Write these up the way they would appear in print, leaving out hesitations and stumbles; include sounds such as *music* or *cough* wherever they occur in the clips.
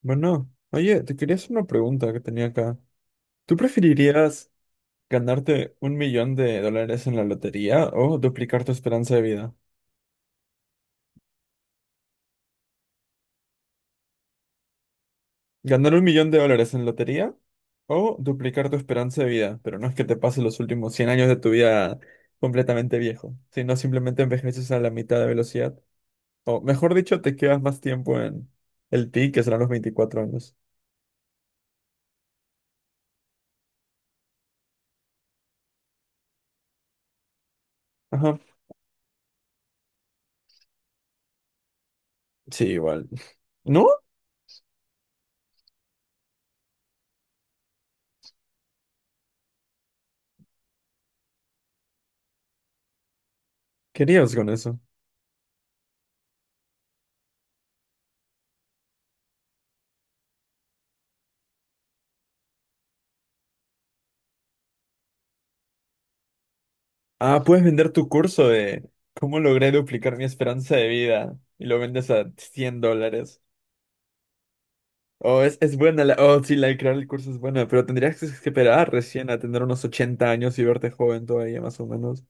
Bueno, oye, te quería hacer una pregunta que tenía acá. ¿Tú preferirías ganarte 1 millón de dólares en la lotería o duplicar tu esperanza de vida? ¿Ganar 1 millón de dólares en lotería o duplicar tu esperanza de vida? Pero no es que te pase los últimos 100 años de tu vida completamente viejo, sino simplemente envejeces a la mitad de velocidad. O mejor dicho, te quedas más tiempo en el ti, que serán los 24 años. Ajá. Sí, igual. ¿No? ¿Querías con eso? Ah, puedes vender tu curso de cómo logré duplicar mi esperanza de vida y lo vendes a 100 dólares. Oh, es buena la... Oh, sí, la de crear el curso es buena, pero tendrías que esperar recién a tener unos 80 años y verte joven todavía, más o menos.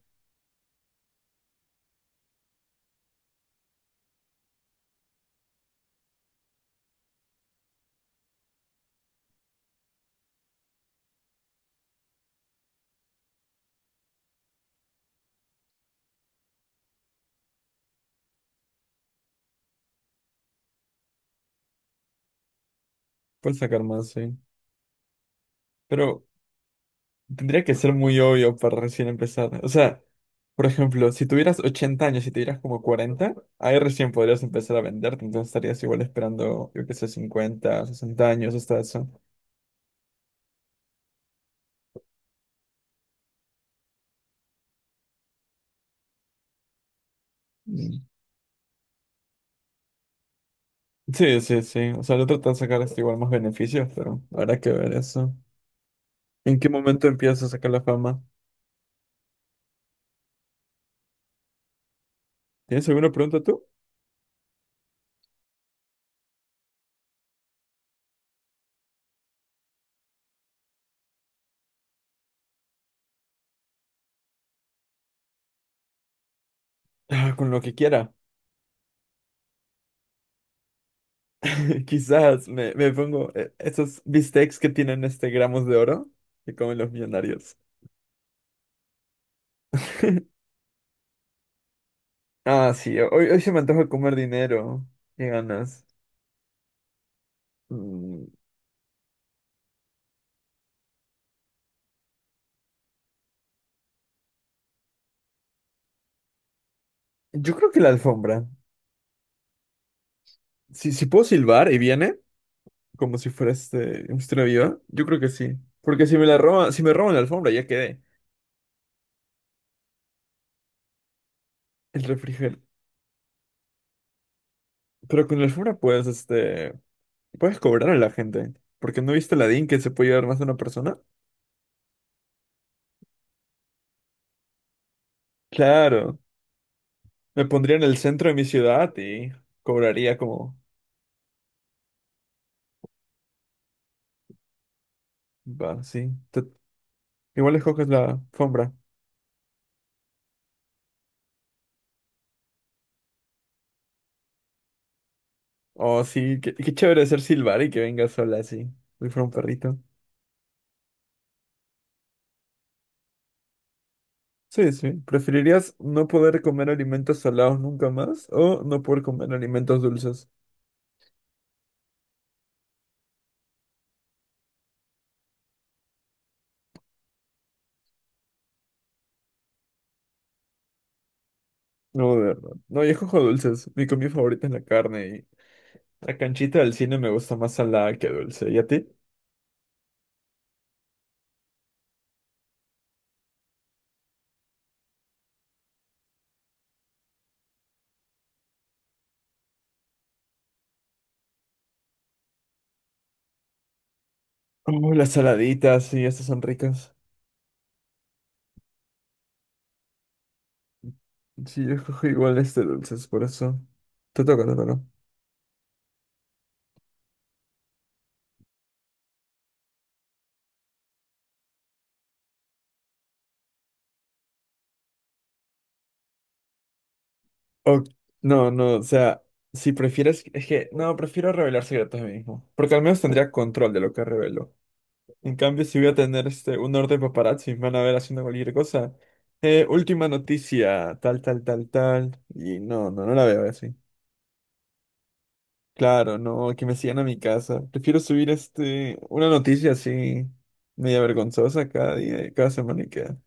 Puedes sacar más, sí. Pero tendría que ser muy obvio para recién empezar. O sea, por ejemplo, si tuvieras 80 años y tuvieras como 40, ahí recién podrías empezar a venderte, entonces estarías igual esperando, yo qué sé, 50, 60 años hasta eso. Sí, sí, sí. O sea, le trata de sacar este igual más beneficios, pero habrá que ver eso. ¿En qué momento empiezas a sacar la fama? ¿Tienes alguna pregunta tú? Ah, con lo que quiera. *laughs* Quizás me pongo esos bistecs que tienen este gramos de oro que comen los millonarios. *laughs* Ah, sí, hoy se me antoja comer dinero. Qué ganas. Mm, yo creo que la alfombra. Si puedo silbar y viene, como si fuera este, un viva, yo creo que sí. Porque si me la roban, si me roban la alfombra, ya quedé. El refrigerador. Pero con la alfombra puedes cobrar a la gente. Porque no viste la DIN que se puede llevar más de una persona. Claro, me pondría en el centro de mi ciudad y cobraría como, va, sí. Igual escoges la alfombra. Oh, sí, qué chévere ser silbar y que venga sola así, si fuera un perrito. Sí, sí. ¿Preferirías no poder comer alimentos salados nunca más o no poder comer alimentos dulces? No, de verdad. No, yo escojo dulces. Mi comida favorita es la carne. La canchita del cine me gusta más salada que dulce. ¿Y a ti? Oh, las saladitas, sí, estas son ricas. Sí, yo cojo igual dulces, por eso. Te toca, te toca. O- no, no, o sea, si prefieres, es que, no, prefiero revelar secretos a mí mismo. Porque al menos tendría control de lo que revelo. En cambio, si voy a tener un orden paparazzi, me van a ver haciendo cualquier cosa. Última noticia, tal, tal, tal, tal. Y no, no, no la veo así. Claro, no, que me sigan a mi casa. Prefiero subir una noticia así, media vergonzosa cada día, cada semana y queda.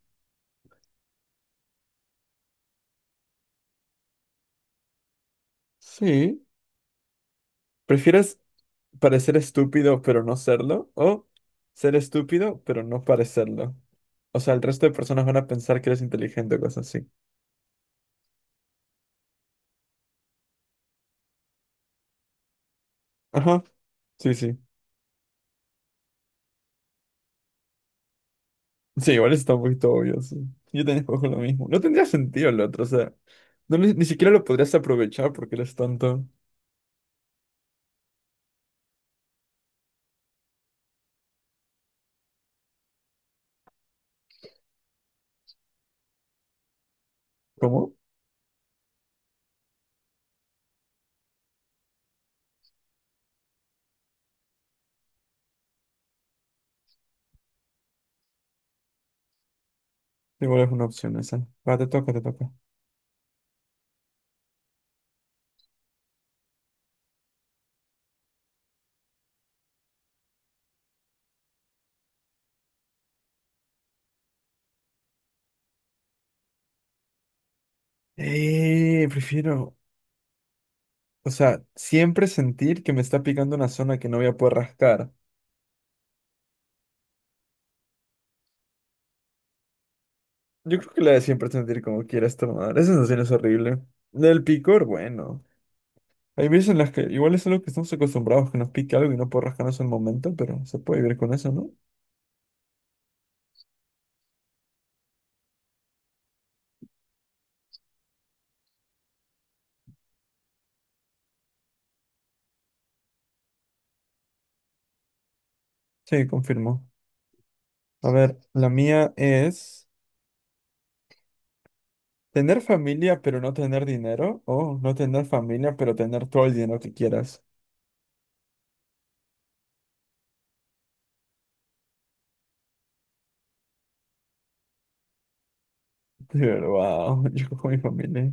Sí. ¿Prefieres parecer estúpido pero no serlo? ¿O ser estúpido pero no parecerlo? O sea, el resto de personas van a pensar que eres inteligente o cosas así. Ajá, sí, sí. Sí, igual está un poquito obvio, sí. Yo también escojo lo mismo. No tendría sentido el otro, o sea, no, ni siquiera lo podrías aprovechar porque eres tonto. ¿Cómo? Igual es una opción esa. Va, te toca, te toca. Prefiero, o sea, siempre sentir que me está picando una zona que no voy a poder rascar. Yo creo que la de siempre sentir como quiera esta madre. Esa sensación es horrible. Del picor, bueno. Hay veces en las que igual es algo que estamos acostumbrados, que nos pique algo y no puedo rascarnos en el momento, pero se puede vivir con eso, ¿no? Sí, confirmo. A ver, la mía es tener familia pero no tener dinero o no tener familia pero tener todo el dinero que quieras. *laughs* Pero wow, yo cojo mi familia.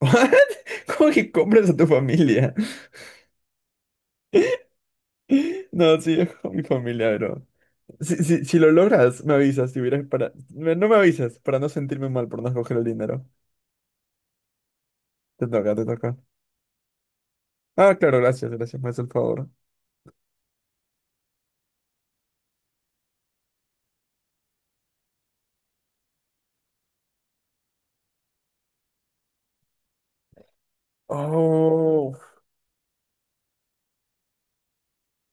¿What? ¿Cómo que compras a tu familia? No, sí, es con mi familia, bro. Si lo logras, me avisas. Si hubieras para... No me avisas, para no sentirme mal por no escoger el dinero. Te toca, te toca. Ah, claro, gracias, gracias, me haces el favor. Oh,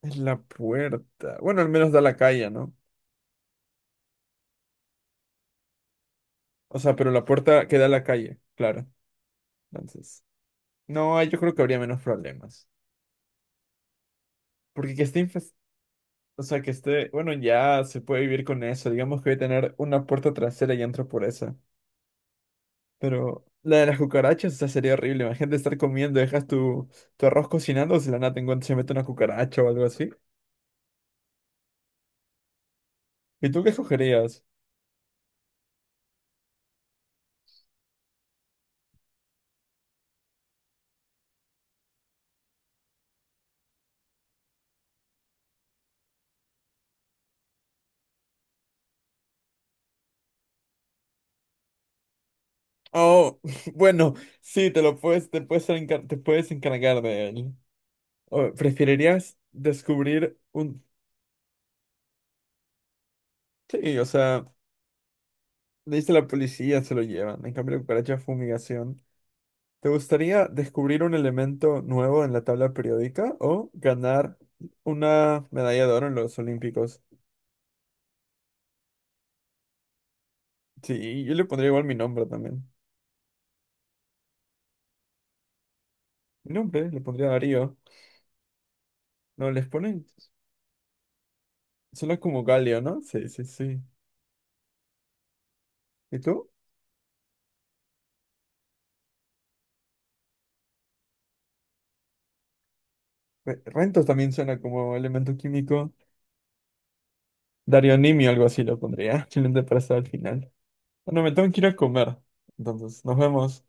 es la puerta. Bueno, al menos da a la calle, ¿no? O sea, pero la puerta que da a la calle, claro. Entonces, no, ahí yo creo que habría menos problemas. Porque que esté infestada. O sea que esté, bueno, ya se puede vivir con eso. Digamos que voy a tener una puerta trasera y entro por esa. Pero la de las cucarachas, o sea, sería horrible. Imagínate estar comiendo, dejas tu arroz cocinando, si la nada te encuentras, se mete una cucaracha o algo así. ¿Y tú qué escogerías? Oh, *laughs* bueno, sí, te puedes encargar de él. O, ¿preferirías descubrir un... Sí, o sea, le dice a la policía, se lo llevan. En cambio, la cucaracha fumigación. ¿Te gustaría descubrir un elemento nuevo en la tabla periódica o ganar una medalla de oro en los Olímpicos? Sí, yo le pondría igual mi nombre también. Mi nombre le pondría Darío. No, les ponen. Suena como galio, ¿no? Sí, sí, sí. ¿Y tú? Rentos también suena como elemento químico. Darionimio, algo así lo pondría. *laughs* Excelente para estar al final. Bueno, me tengo que ir a comer. Entonces, nos vemos.